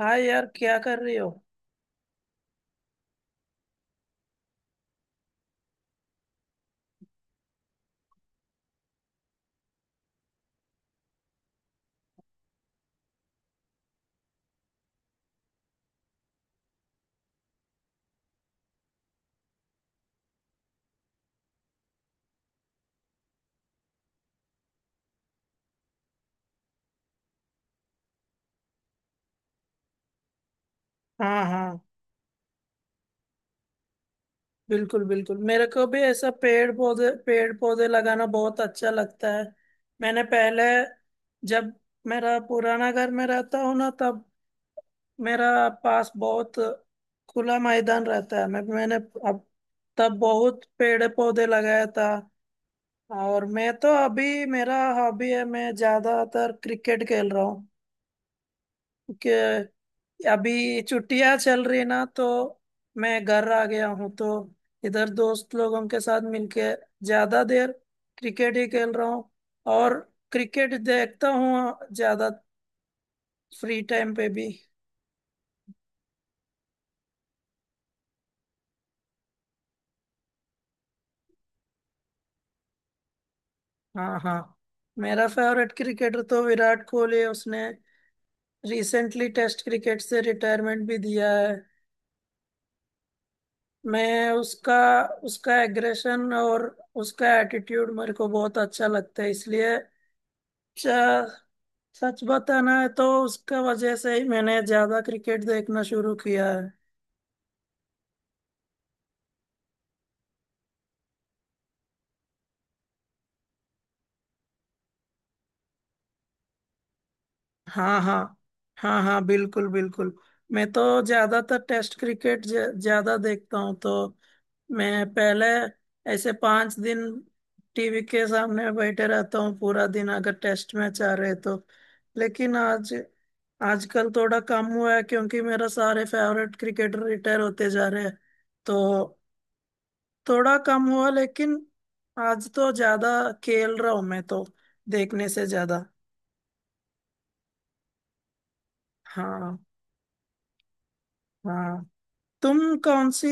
हाँ यार क्या कर रही हो। हाँ हाँ, बिल्कुल बिल्कुल, मेरे को भी ऐसा पेड़ पौधे लगाना बहुत अच्छा लगता है। मैंने पहले, जब मेरा पुराना घर में रहता हूँ ना, तब मेरा पास बहुत खुला मैदान रहता है। मैंने अब तब बहुत पेड़ पौधे लगाया था। और मैं तो अभी मेरा हॉबी है, मैं ज्यादातर क्रिकेट खेल रहा हूँ। अभी छुट्टियां चल रही ना तो मैं घर आ गया हूँ, तो इधर दोस्त लोगों के साथ मिलके ज्यादा देर क्रिकेट ही खेल रहा हूँ। और क्रिकेट देखता हूँ ज्यादा फ्री टाइम पे भी। हाँ हाँ। मेरा फेवरेट क्रिकेटर तो विराट कोहली है। उसने रिसेंटली टेस्ट क्रिकेट से रिटायरमेंट भी दिया है। मैं उसका उसका एग्रेशन और उसका एटीट्यूड मेरे को बहुत अच्छा लगता है, इसलिए सच बताना है तो उसका वजह से ही मैंने ज्यादा क्रिकेट देखना शुरू किया है। हाँ हाँ। हाँ हाँ, बिल्कुल बिल्कुल। मैं तो ज्यादातर टेस्ट क्रिकेट ज्यादा देखता हूँ, तो मैं पहले ऐसे पांच दिन टीवी के सामने बैठे रहता हूँ पूरा दिन, अगर टेस्ट मैच आ रहे तो। लेकिन आज आजकल थोड़ा कम हुआ है क्योंकि मेरा सारे फेवरेट क्रिकेटर रिटायर होते जा रहे हैं, तो थोड़ा कम हुआ। लेकिन आज तो ज्यादा खेल रहा हूं मैं, तो देखने से ज्यादा। हाँ हाँ। तुम कौन सी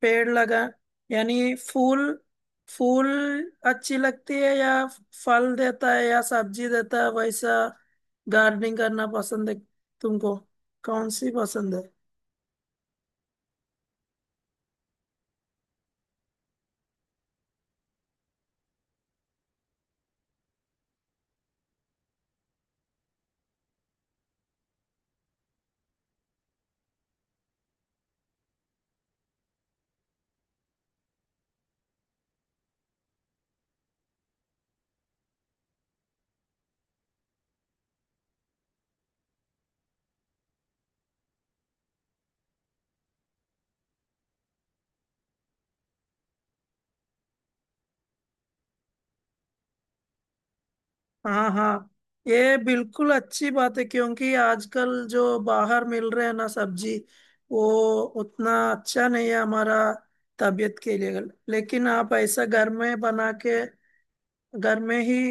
पेड़ लगा, यानी फूल, फूल अच्छी लगती है, या फल देता है या सब्जी देता है, वैसा गार्डनिंग करना पसंद है तुमको? कौन सी पसंद है? हाँ हाँ, ये बिल्कुल अच्छी बात है, क्योंकि आजकल जो बाहर मिल रहे हैं ना सब्जी, वो उतना अच्छा नहीं है हमारा तबीयत के लिए। लेकिन आप ऐसा घर में बना के, घर में ही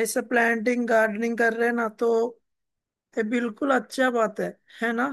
ऐसा प्लांटिंग गार्डनिंग कर रहे हैं ना, तो ये बिल्कुल अच्छा बात है ना।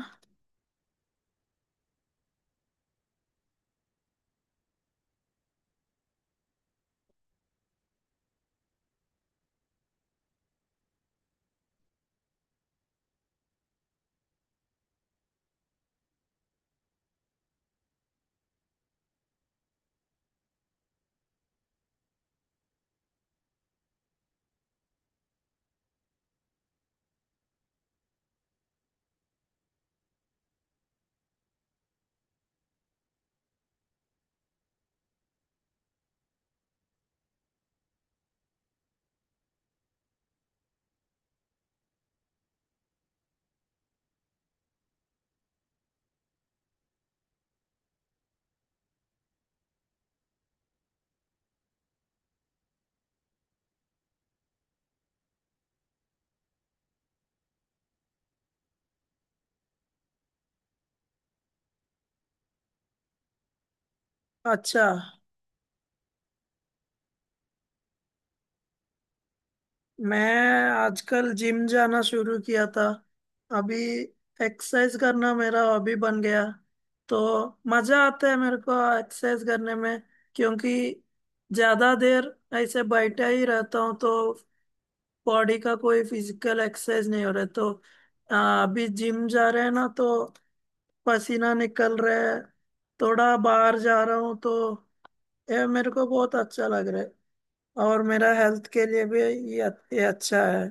अच्छा। मैं आजकल जिम जाना शुरू किया था, अभी एक्सरसाइज करना मेरा हॉबी बन गया, तो मजा आता है मेरे को एक्सरसाइज करने में। क्योंकि ज्यादा देर ऐसे बैठा ही रहता हूँ, तो बॉडी का कोई फिजिकल एक्सरसाइज नहीं हो रहा है। तो अभी जिम जा रहे हैं ना, तो पसीना निकल रहा है, थोड़ा बाहर जा रहा हूँ, तो ये मेरे को बहुत अच्छा लग रहा है। और मेरा हेल्थ के लिए भी ये अच्छा है।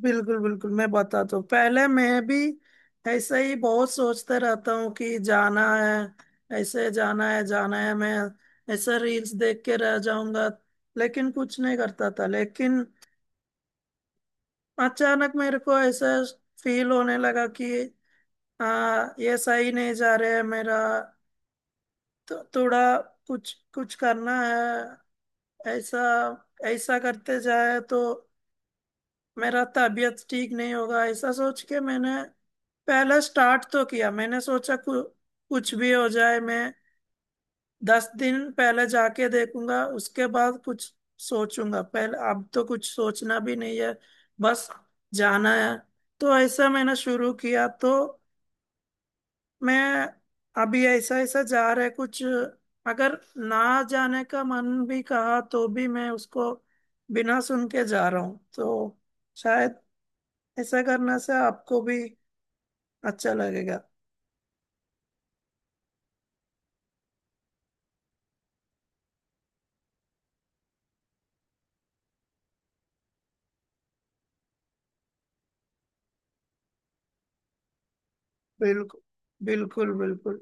बिल्कुल बिल्कुल, मैं बताता हूँ। पहले मैं भी ऐसे ही बहुत सोचते रहता हूँ कि जाना है, ऐसे जाना है, जाना है, मैं ऐसे रील्स देख के रह जाऊंगा, लेकिन कुछ नहीं करता था। लेकिन अचानक मेरे को ऐसा फील होने लगा कि हाँ, ये सही नहीं जा रहे है मेरा, तो थोड़ा कुछ कुछ करना है। ऐसा ऐसा करते जाए तो मेरा तबीयत ठीक नहीं होगा, ऐसा सोच के मैंने पहला स्टार्ट तो किया। मैंने सोचा कुछ भी हो जाए, मैं दस दिन पहले जाके देखूंगा, उसके बाद कुछ सोचूंगा। पहले अब तो कुछ सोचना भी नहीं है, बस जाना है। तो ऐसा मैंने शुरू किया, तो मैं अभी ऐसा ऐसा जा रहा है कुछ। अगर ना जाने का मन भी कहा तो भी मैं उसको बिना सुन के जा रहा हूँ, तो शायद ऐसा करने से आपको भी अच्छा लगेगा। बिल्कुल बिल्कुल।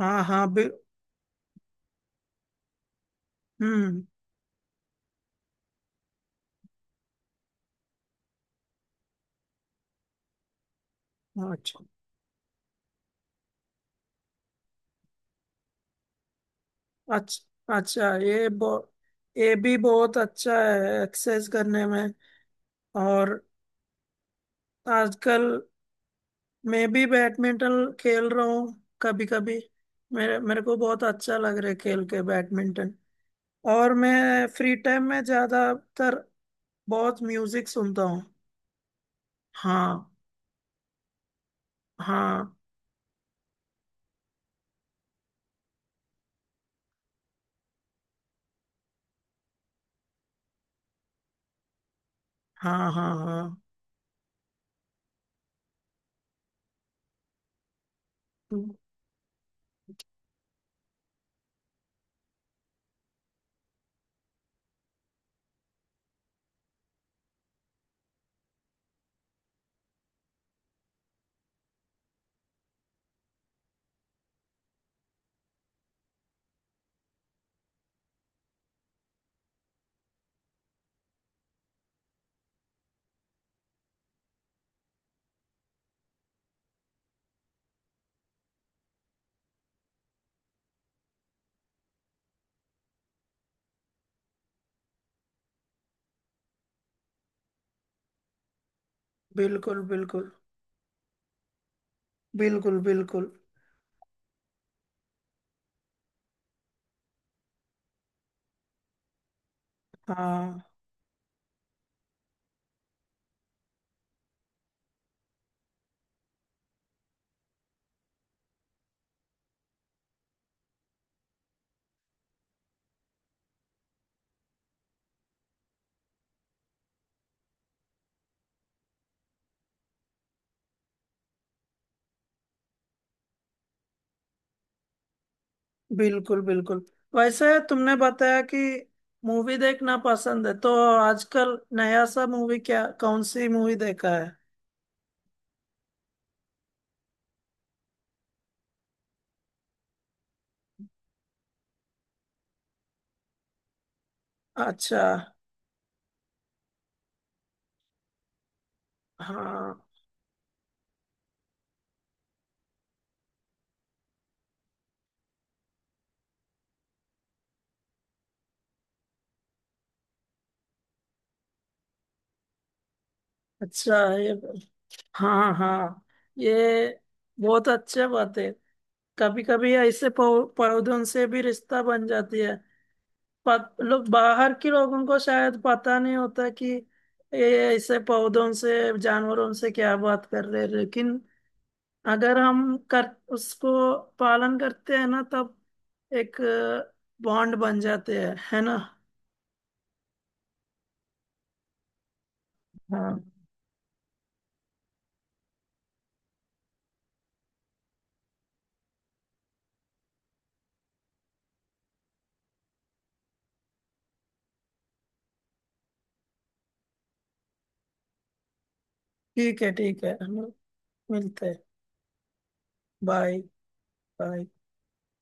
हाँ हाँ, बिल। हम्म। अच्छा अच्छा। अच्छा ये ये भी बहुत अच्छा है एक्सेस करने में। और आजकल मैं भी बैडमिंटन खेल रहा हूँ कभी कभी, मेरे मेरे को बहुत अच्छा लग रहा है खेल के बैडमिंटन। और मैं फ्री टाइम में ज्यादातर बहुत म्यूजिक सुनता हूँ। हाँ हाँ। हाँ हाँ हाँ। बिल्कुल बिल्कुल। बिल्कुल बिल्कुल। हाँ, बिल्कुल बिल्कुल। वैसे तुमने बताया कि मूवी देखना पसंद है, तो आजकल नया सा मूवी क्या, कौन सी मूवी देखा है? अच्छा। हाँ। अच्छा ये, हाँ हाँ, ये बहुत अच्छे बात है। कभी कभी ऐसे पौधों से भी रिश्ता बन जाती है। लोग बाहर के लोगों को शायद पता नहीं होता कि ये ऐसे पौधों से जानवरों से क्या बात कर रहे हैं। लेकिन अगर हम कर, उसको पालन करते हैं ना, तब एक बॉन्ड बन जाते हैं, है ना। हाँ। ठीक है ठीक है, हम लोग मिलते हैं। Bye bye.